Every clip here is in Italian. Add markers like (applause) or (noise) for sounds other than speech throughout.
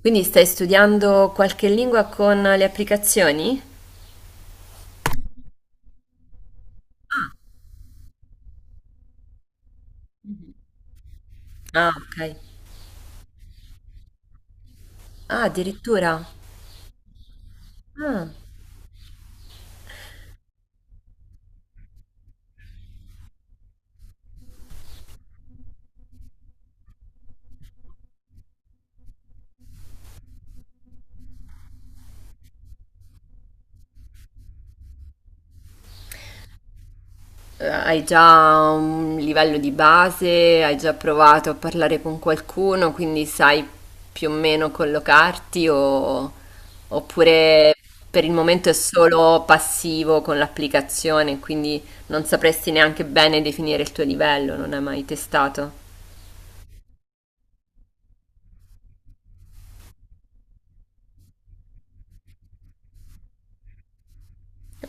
Quindi stai studiando qualche lingua con le applicazioni? Ah, ok. Ah, addirittura. Ah. Hai già un livello di base, hai già provato a parlare con qualcuno, quindi sai più o meno oppure per il momento è solo passivo con l'applicazione, quindi non sapresti neanche bene definire il tuo livello, non hai mai testato.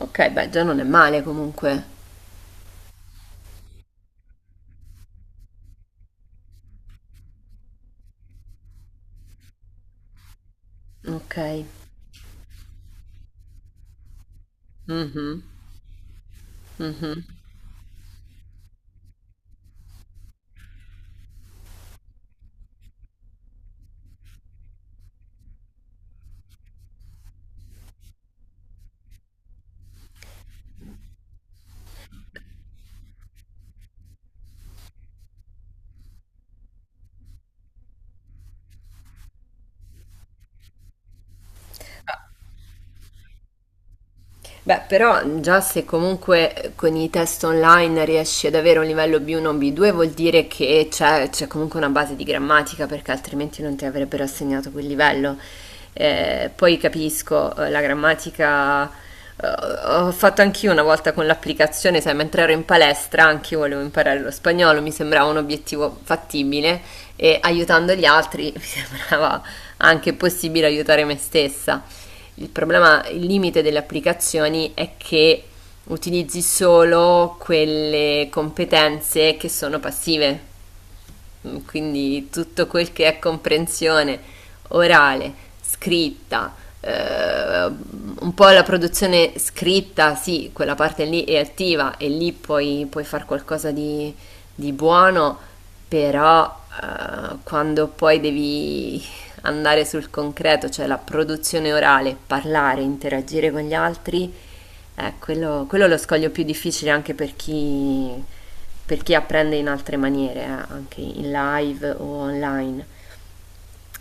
Ok, beh, già non è male comunque. Ok. Mhm. Mhm. Beh, però già se comunque con i test online riesci ad avere un livello B1 o B2 vuol dire che c'è comunque una base di grammatica perché altrimenti non ti avrebbero assegnato quel livello. Poi capisco, la grammatica ho fatto anch'io una volta con l'applicazione, sai, mentre ero in palestra anche io volevo imparare lo spagnolo, mi sembrava un obiettivo fattibile e aiutando gli altri (laughs) mi sembrava anche possibile aiutare me stessa. Il problema, il limite delle applicazioni è che utilizzi solo quelle competenze che sono passive. Quindi tutto quel che è comprensione orale, scritta, un po' la produzione scritta, sì, quella parte lì è attiva e lì puoi fare qualcosa di buono, però quando poi devi andare sul concreto, cioè la produzione orale, parlare, interagire con gli altri, quello è lo scoglio più difficile anche per chi apprende in altre maniere, anche in live o online.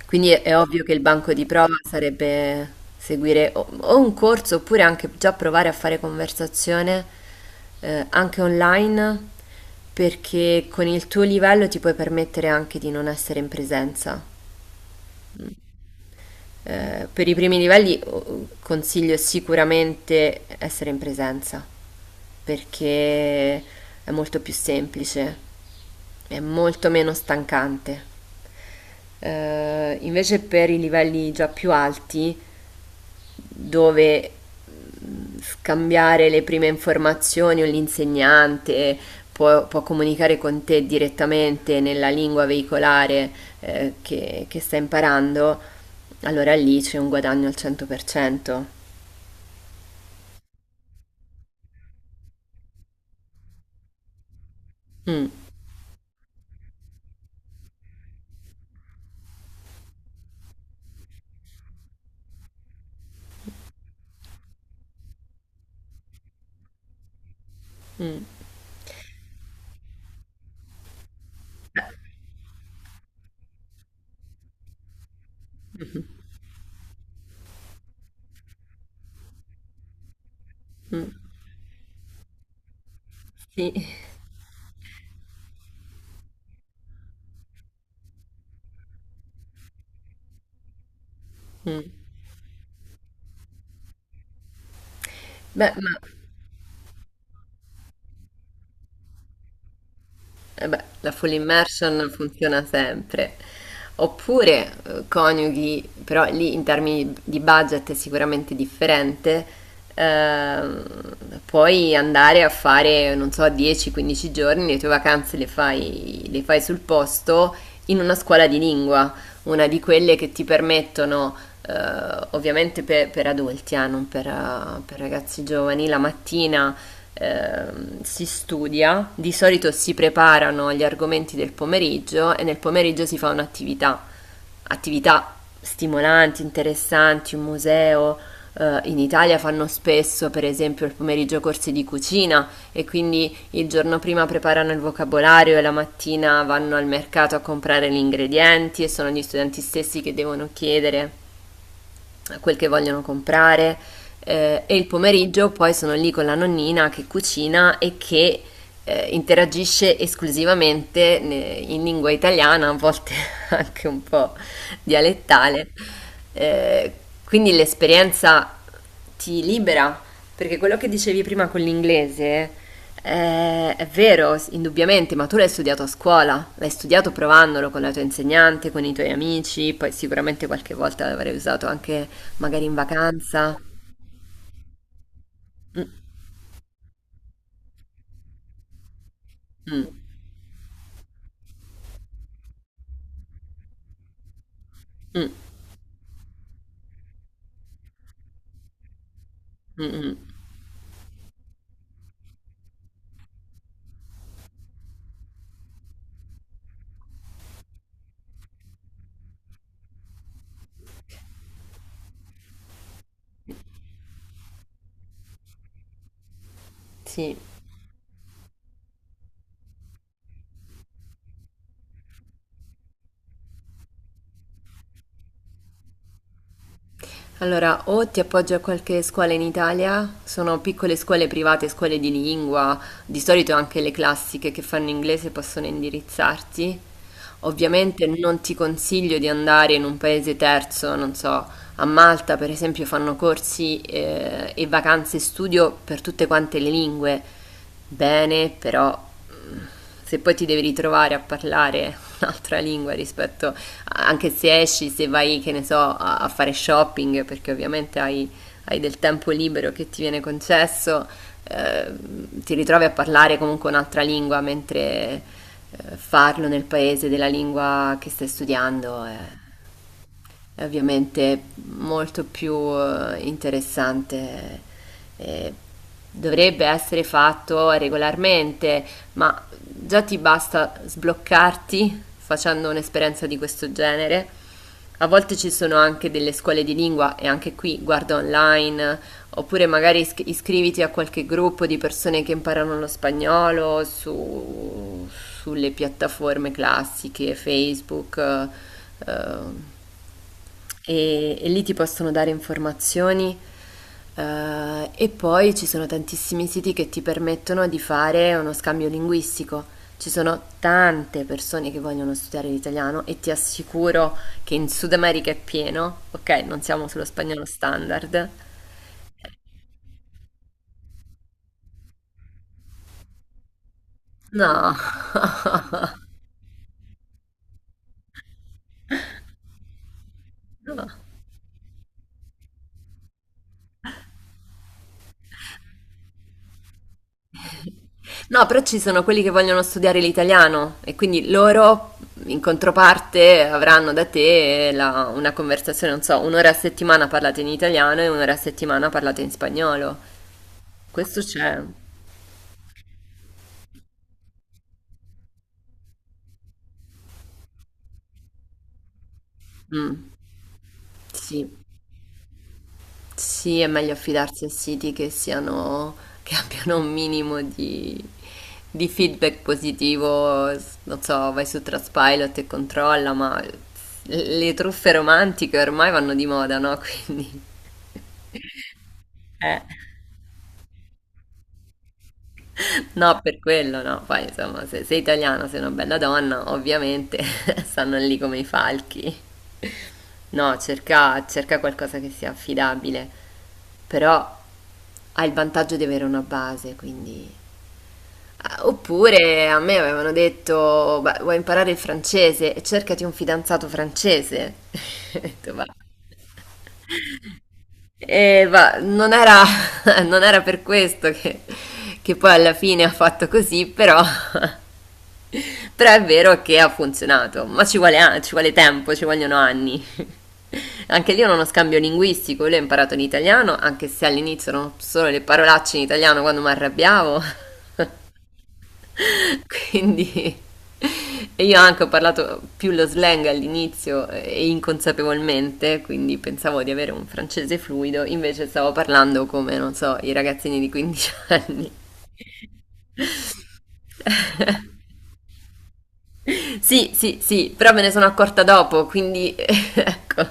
Quindi è ovvio che il banco di prova sarebbe seguire o un corso oppure anche già provare a fare conversazione anche online, perché con il tuo livello ti puoi permettere anche di non essere in presenza. Per i primi livelli oh, consiglio sicuramente essere in presenza, perché è molto più semplice, è molto meno stancante. Invece per i livelli già più alti dove scambiare le prime informazioni o l'insegnante può comunicare con te direttamente nella lingua veicolare che sta imparando, allora lì c'è un guadagno al 100%. Mm, mm. Beh. Mm, sì. Mm. Beh, ma eh beh, la full immersion funziona sempre. Oppure coniughi, però lì in termini di budget è sicuramente differente, ehm, puoi andare a fare, non so, 10-15 giorni, le tue vacanze le fai sul posto in una scuola di lingua, una di quelle che ti permettono, ovviamente per adulti, non per per ragazzi giovani, la mattina si studia, di solito si preparano gli argomenti del pomeriggio e nel pomeriggio si fa un'attività, attività stimolanti, interessanti, un museo. Eh, in Italia fanno spesso, per esempio, il pomeriggio corsi di cucina e quindi il giorno prima preparano il vocabolario e la mattina vanno al mercato a comprare gli ingredienti e sono gli studenti stessi che devono chiedere quel che vogliono comprare e il pomeriggio poi sono lì con la nonnina che cucina e che interagisce esclusivamente in lingua italiana, a volte (laughs) anche un po' dialettale. Eh, quindi l'esperienza ti libera, perché quello che dicevi prima con l'inglese è vero, indubbiamente, ma tu l'hai studiato a scuola, l'hai studiato provandolo con la tua insegnante, con i tuoi amici, poi sicuramente qualche volta l'avrei usato anche magari in vacanza. Mm, mm, mm, mm, mm. Sì. Allora, o ti appoggio a qualche scuola in Italia, sono piccole scuole private, scuole di lingua, di solito anche le classiche che fanno inglese possono indirizzarti. Ovviamente non ti consiglio di andare in un paese terzo, non so, a Malta per esempio fanno corsi e vacanze studio per tutte quante le lingue. Bene, però mm, se poi ti devi ritrovare a parlare (laughs) un'altra lingua rispetto anche se esci, se vai, che ne so, a fare shopping, perché ovviamente hai, hai del tempo libero che ti viene concesso, ti ritrovi a parlare comunque un'altra lingua, mentre farlo nel paese della lingua che stai studiando è ovviamente molto più interessante. Eh, dovrebbe essere fatto regolarmente, ma già ti basta sbloccarti facendo un'esperienza di questo genere. A volte ci sono anche delle scuole di lingua e anche qui guarda online. Oppure magari iscriviti a qualche gruppo di persone che imparano lo spagnolo sulle piattaforme classiche, Facebook, eh, e lì ti possono dare informazioni. E poi ci sono tantissimi siti che ti permettono di fare uno scambio linguistico. Ci sono tante persone che vogliono studiare l'italiano e ti assicuro che in Sud America è pieno, ok? Non siamo sullo spagnolo standard. No. (laughs) No, però ci sono quelli che vogliono studiare l'italiano e quindi loro in controparte avranno da te una conversazione, non so, un'ora a settimana parlate in italiano e un'ora a settimana parlate in spagnolo. Questo c'è. Mm, sì. Sì, è meglio affidarsi a siti che siano, che abbiano un minimo di feedback positivo. Non so, vai su Trustpilot e controlla, ma le truffe romantiche ormai vanno di moda, no? (laughs) Quindi eh. No, per quello no. Poi insomma, se sei italiana, sei una bella donna, ovviamente (laughs) stanno lì come i falchi. No, cerca, cerca qualcosa che sia affidabile, però hai il vantaggio di avere una base, quindi... Ah, oppure a me avevano detto, "Beh, vuoi imparare il francese e cercati un fidanzato francese." (laughs) Ho detto, "Ma- e va, non era, (laughs) non era per questo che poi alla fine ha fatto così, però, (laughs) però è vero che ha funzionato, ma ci vuole, ci vuole tempo, ci vogliono anni. (laughs) Anche lì è uno scambio linguistico, lui ha imparato l'italiano, anche se all'inizio erano solo le parolacce in italiano quando mi arrabbiavo. (laughs) Quindi (laughs) e io anche ho parlato più lo slang all'inizio e inconsapevolmente, quindi pensavo di avere un francese fluido, invece stavo parlando come, non so, i ragazzini di 15 anni. (laughs) Sì, sì, sì, però me ne sono accorta dopo, quindi (laughs) ecco,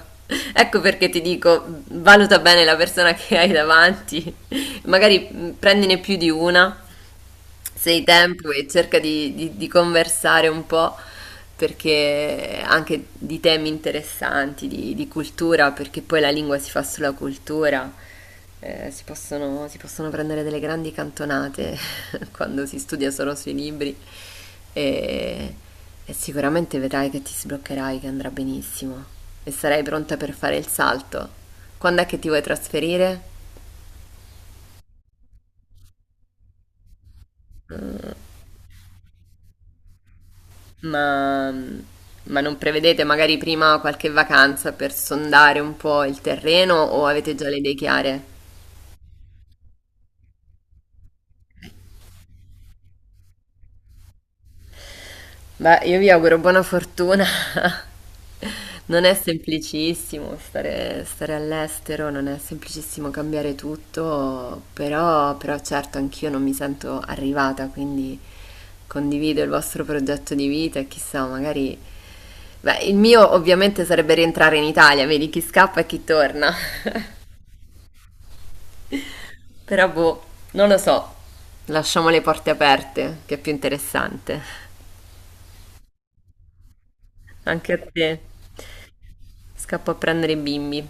ecco perché ti dico, valuta bene la persona che hai davanti. Magari prendine più di una, se hai tempo e cerca di conversare un po', perché anche di temi interessanti, di cultura, perché poi la lingua si fa sulla cultura, si possono prendere delle grandi cantonate (laughs) quando si studia solo sui libri e, e sicuramente vedrai che ti sbloccherai, che andrà benissimo e sarai pronta per fare il salto. Quando è che ti vuoi trasferire? Ma, ma non prevedete magari prima qualche vacanza per sondare un po' il terreno o avete già le idee chiare? Beh, io vi auguro buona fortuna. (laughs) Non è semplicissimo stare, stare all'estero, non è semplicissimo cambiare tutto, però, però certo anch'io non mi sento arrivata, quindi condivido il vostro progetto di vita e chissà, magari... Beh, il mio ovviamente sarebbe rientrare in Italia, vedi chi scappa e chi torna. Però boh, non lo so. Lasciamo le porte aperte, che è più interessante. Anche a te. Scappo a prendere i bimbi.